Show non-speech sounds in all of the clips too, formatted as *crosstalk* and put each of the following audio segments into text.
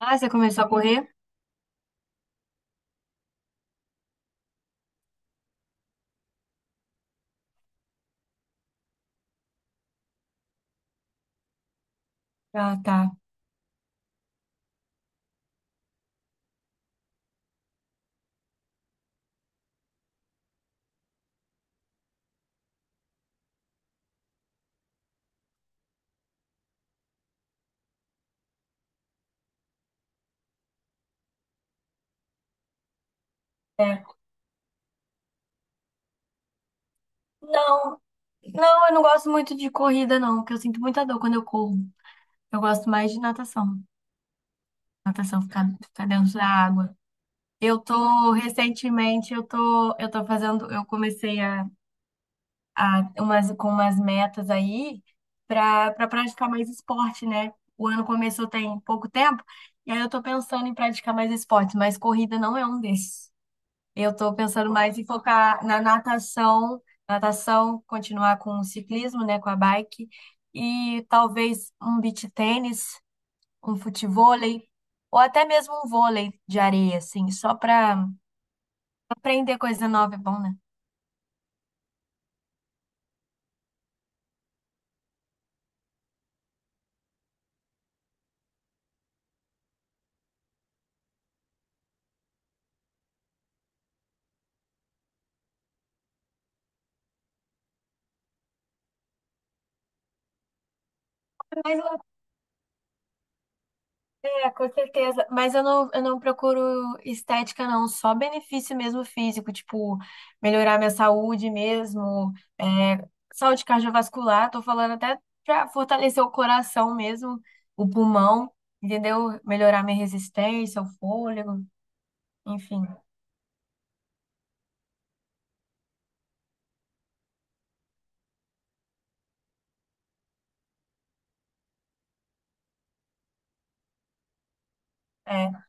Ah, você começou a correr? Ah, tá. É. Não, não, eu não gosto muito de corrida, não, porque eu sinto muita dor quando eu corro. Eu gosto mais de natação. Natação, ficar dentro da água. Eu tô, recentemente, eu tô fazendo, eu comecei a umas, com umas metas aí pra praticar mais esporte, né? O ano começou tem pouco tempo, e aí eu tô pensando em praticar mais esporte, mas corrida não é um desses. Eu estou pensando mais em focar na natação, natação, continuar com o ciclismo, né, com a bike, e talvez um beach tênis, um futevôlei, ou até mesmo um vôlei de areia, assim, só para aprender coisa nova é bom, né? É, com certeza. Mas eu não procuro estética, não. Só benefício mesmo físico, tipo, melhorar minha saúde mesmo, é, saúde cardiovascular. Tô falando até pra fortalecer o coração mesmo, o pulmão, entendeu? Melhorar minha resistência, o fôlego, enfim. É.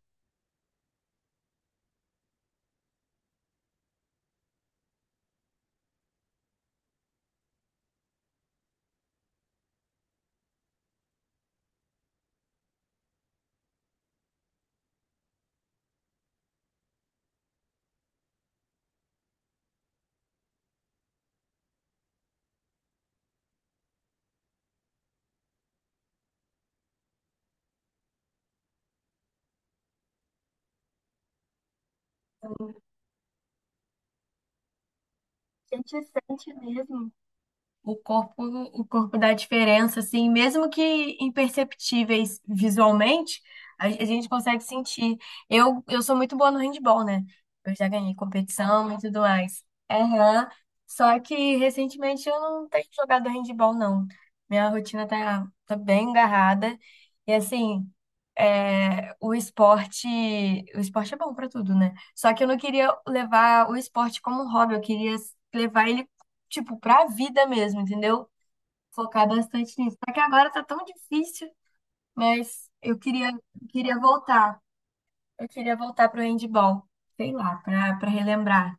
A gente sente mesmo. O corpo dá diferença, assim, mesmo que imperceptíveis visualmente, a gente consegue sentir. Eu sou muito boa no handball, né? Eu já ganhei competição e tudo mais. Aham. Só que recentemente eu não tenho jogado handball, não. Minha rotina tá bem agarrada. E assim, é, o esporte é bom pra tudo, né? Só que eu não queria levar o esporte como um hobby, eu queria levar ele, tipo, pra vida mesmo, entendeu? Focar bastante nisso. Só que agora tá tão difícil, mas eu queria, queria voltar. Eu queria voltar pro handball, sei lá, pra relembrar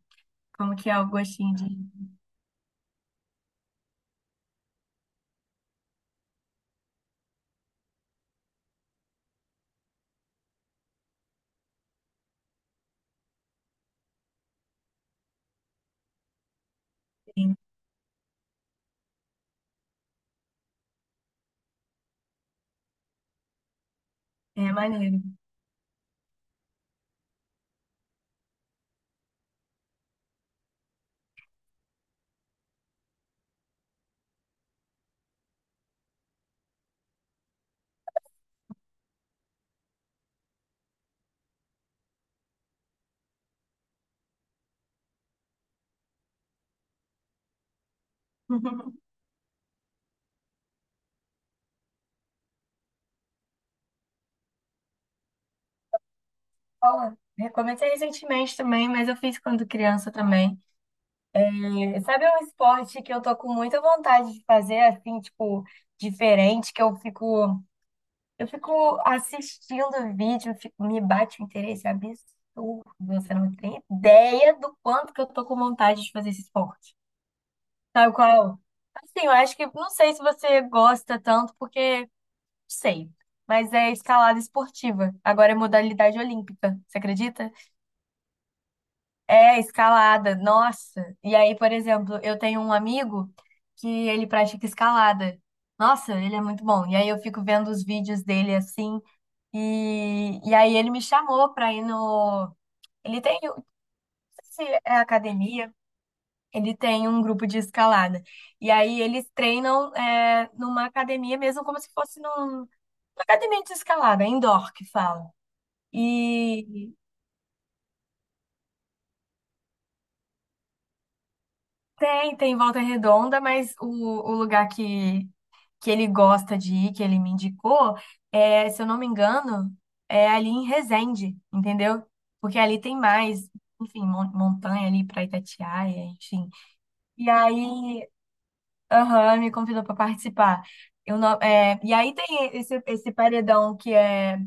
como que é o gostinho de... É maneiro. *laughs* Bom, recomecei recentemente também, mas eu fiz quando criança também. Sabe um esporte que eu tô com muita vontade de fazer, assim, tipo, diferente, que eu fico assistindo o vídeo, me bate um interesse absurdo. Você não tem ideia do quanto que eu tô com vontade de fazer esse esporte. Sabe qual? Assim, eu acho que, não sei se você gosta tanto, porque, sei, mas é escalada esportiva. Agora é modalidade olímpica, você acredita? É, escalada, nossa. E aí, por exemplo, eu tenho um amigo que ele pratica escalada. Nossa, ele é muito bom. E aí eu fico vendo os vídeos dele assim, e aí ele me chamou pra ir no. Ele tem, não sei se é academia, ele tem um grupo de escalada. E aí eles treinam é, numa academia mesmo, como se fosse num, numa academia de escalada, indoor que fala. E tem, tem Volta Redonda, mas o lugar que ele gosta de ir, que ele me indicou, é, se eu não me engano, é ali em Resende, entendeu? Porque ali tem mais, enfim, montanha ali para Itatiaia, enfim. E aí, aham, me convidou para participar. Eu não, é, e aí tem esse, esse paredão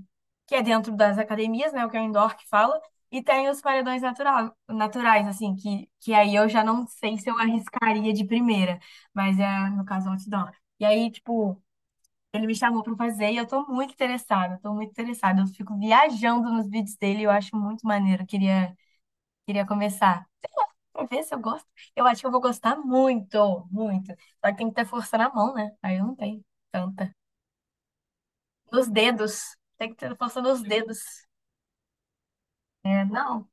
que é dentro das academias, né? O que é o indoor que fala. E tem os paredões natural, naturais, assim, que aí eu já não sei se eu arriscaria de primeira, mas é, no caso, outdoor. E aí, tipo, ele me chamou para fazer e eu tô muito interessada, tô muito interessada. Eu fico viajando nos vídeos dele, e eu acho muito maneiro. Eu Queria, queria começar. Pra ver se eu gosto. Eu acho que eu vou gostar muito, muito. Só que tem que ter força na mão, né? Aí eu não tenho tanta. Nos dedos. Tem que ter força nos dedos. É, não,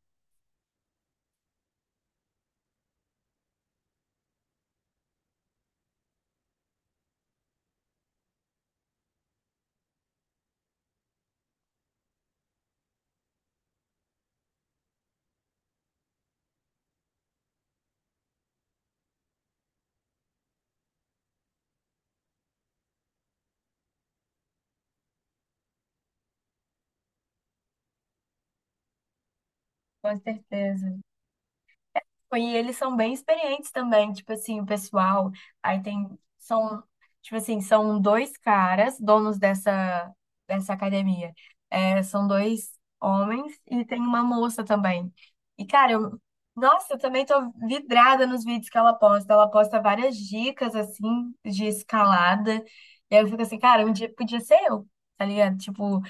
com certeza. E eles são bem experientes também, tipo assim, o pessoal, aí tem, são, tipo assim, são dois caras, donos dessa, dessa academia. É, são dois homens e tem uma moça também. E, cara, eu, nossa, eu também tô vidrada nos vídeos que ela posta. Ela posta várias dicas, assim, de escalada. E aí eu fico assim, cara, um dia podia ser eu, tá ligado? Tipo,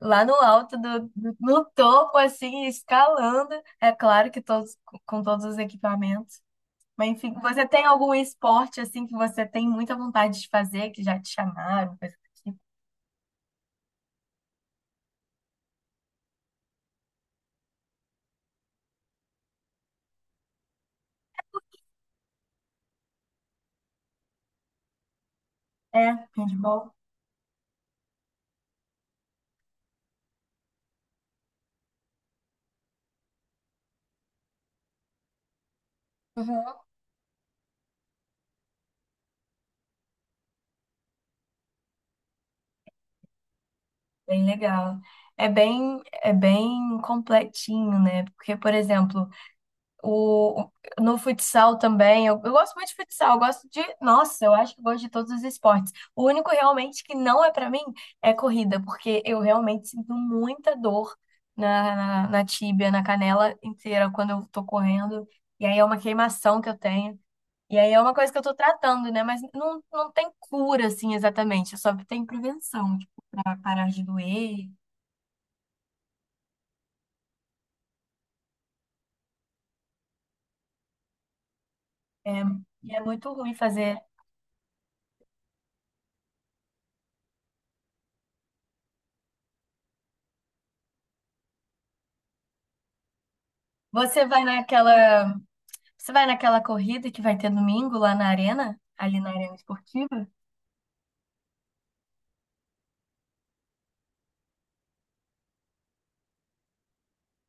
lá no alto do, no topo assim, escalando, é claro que todos com todos os equipamentos. Mas enfim, você tem algum esporte assim que você tem muita vontade de fazer, que já te chamaram, coisa do tipo? É, handball. Uhum. Bem legal. É bem completinho, né? Porque, por exemplo, o, no futsal também, eu gosto muito de futsal, eu gosto de. Nossa, eu acho que eu gosto de todos os esportes. O único realmente que não é pra mim é corrida, porque eu realmente sinto muita dor na, na tíbia, na canela inteira quando eu tô correndo. E aí é uma queimação que eu tenho. E aí é uma coisa que eu tô tratando, né? Mas não, não tem cura, assim, exatamente. Só tem prevenção, tipo, pra parar de doer. É, e é muito ruim fazer. Você vai naquela. Você vai naquela corrida que vai ter domingo lá na arena, ali na arena esportiva?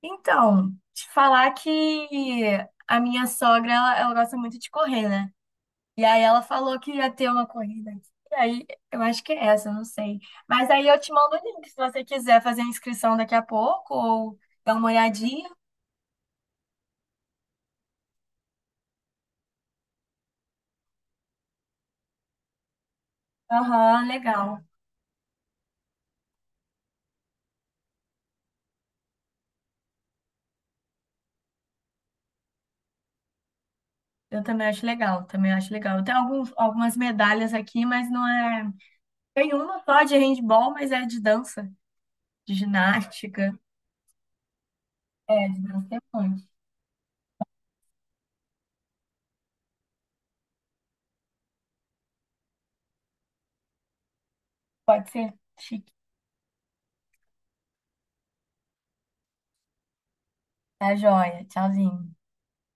Então, te falar que a minha sogra, ela gosta muito de correr, né? E aí ela falou que ia ter uma corrida aqui. E aí, eu acho que é essa, eu não sei. Mas aí eu te mando o link, se você quiser fazer a inscrição daqui a pouco ou dar uma olhadinha. Aham, legal. Eu também acho legal, também acho legal. Tem alguns, algumas medalhas aqui, mas não é. Tem uma só de handball, mas é de dança, de ginástica. É, de Brastemante. Pode ser. Chique. Tá joia. Tchauzinho.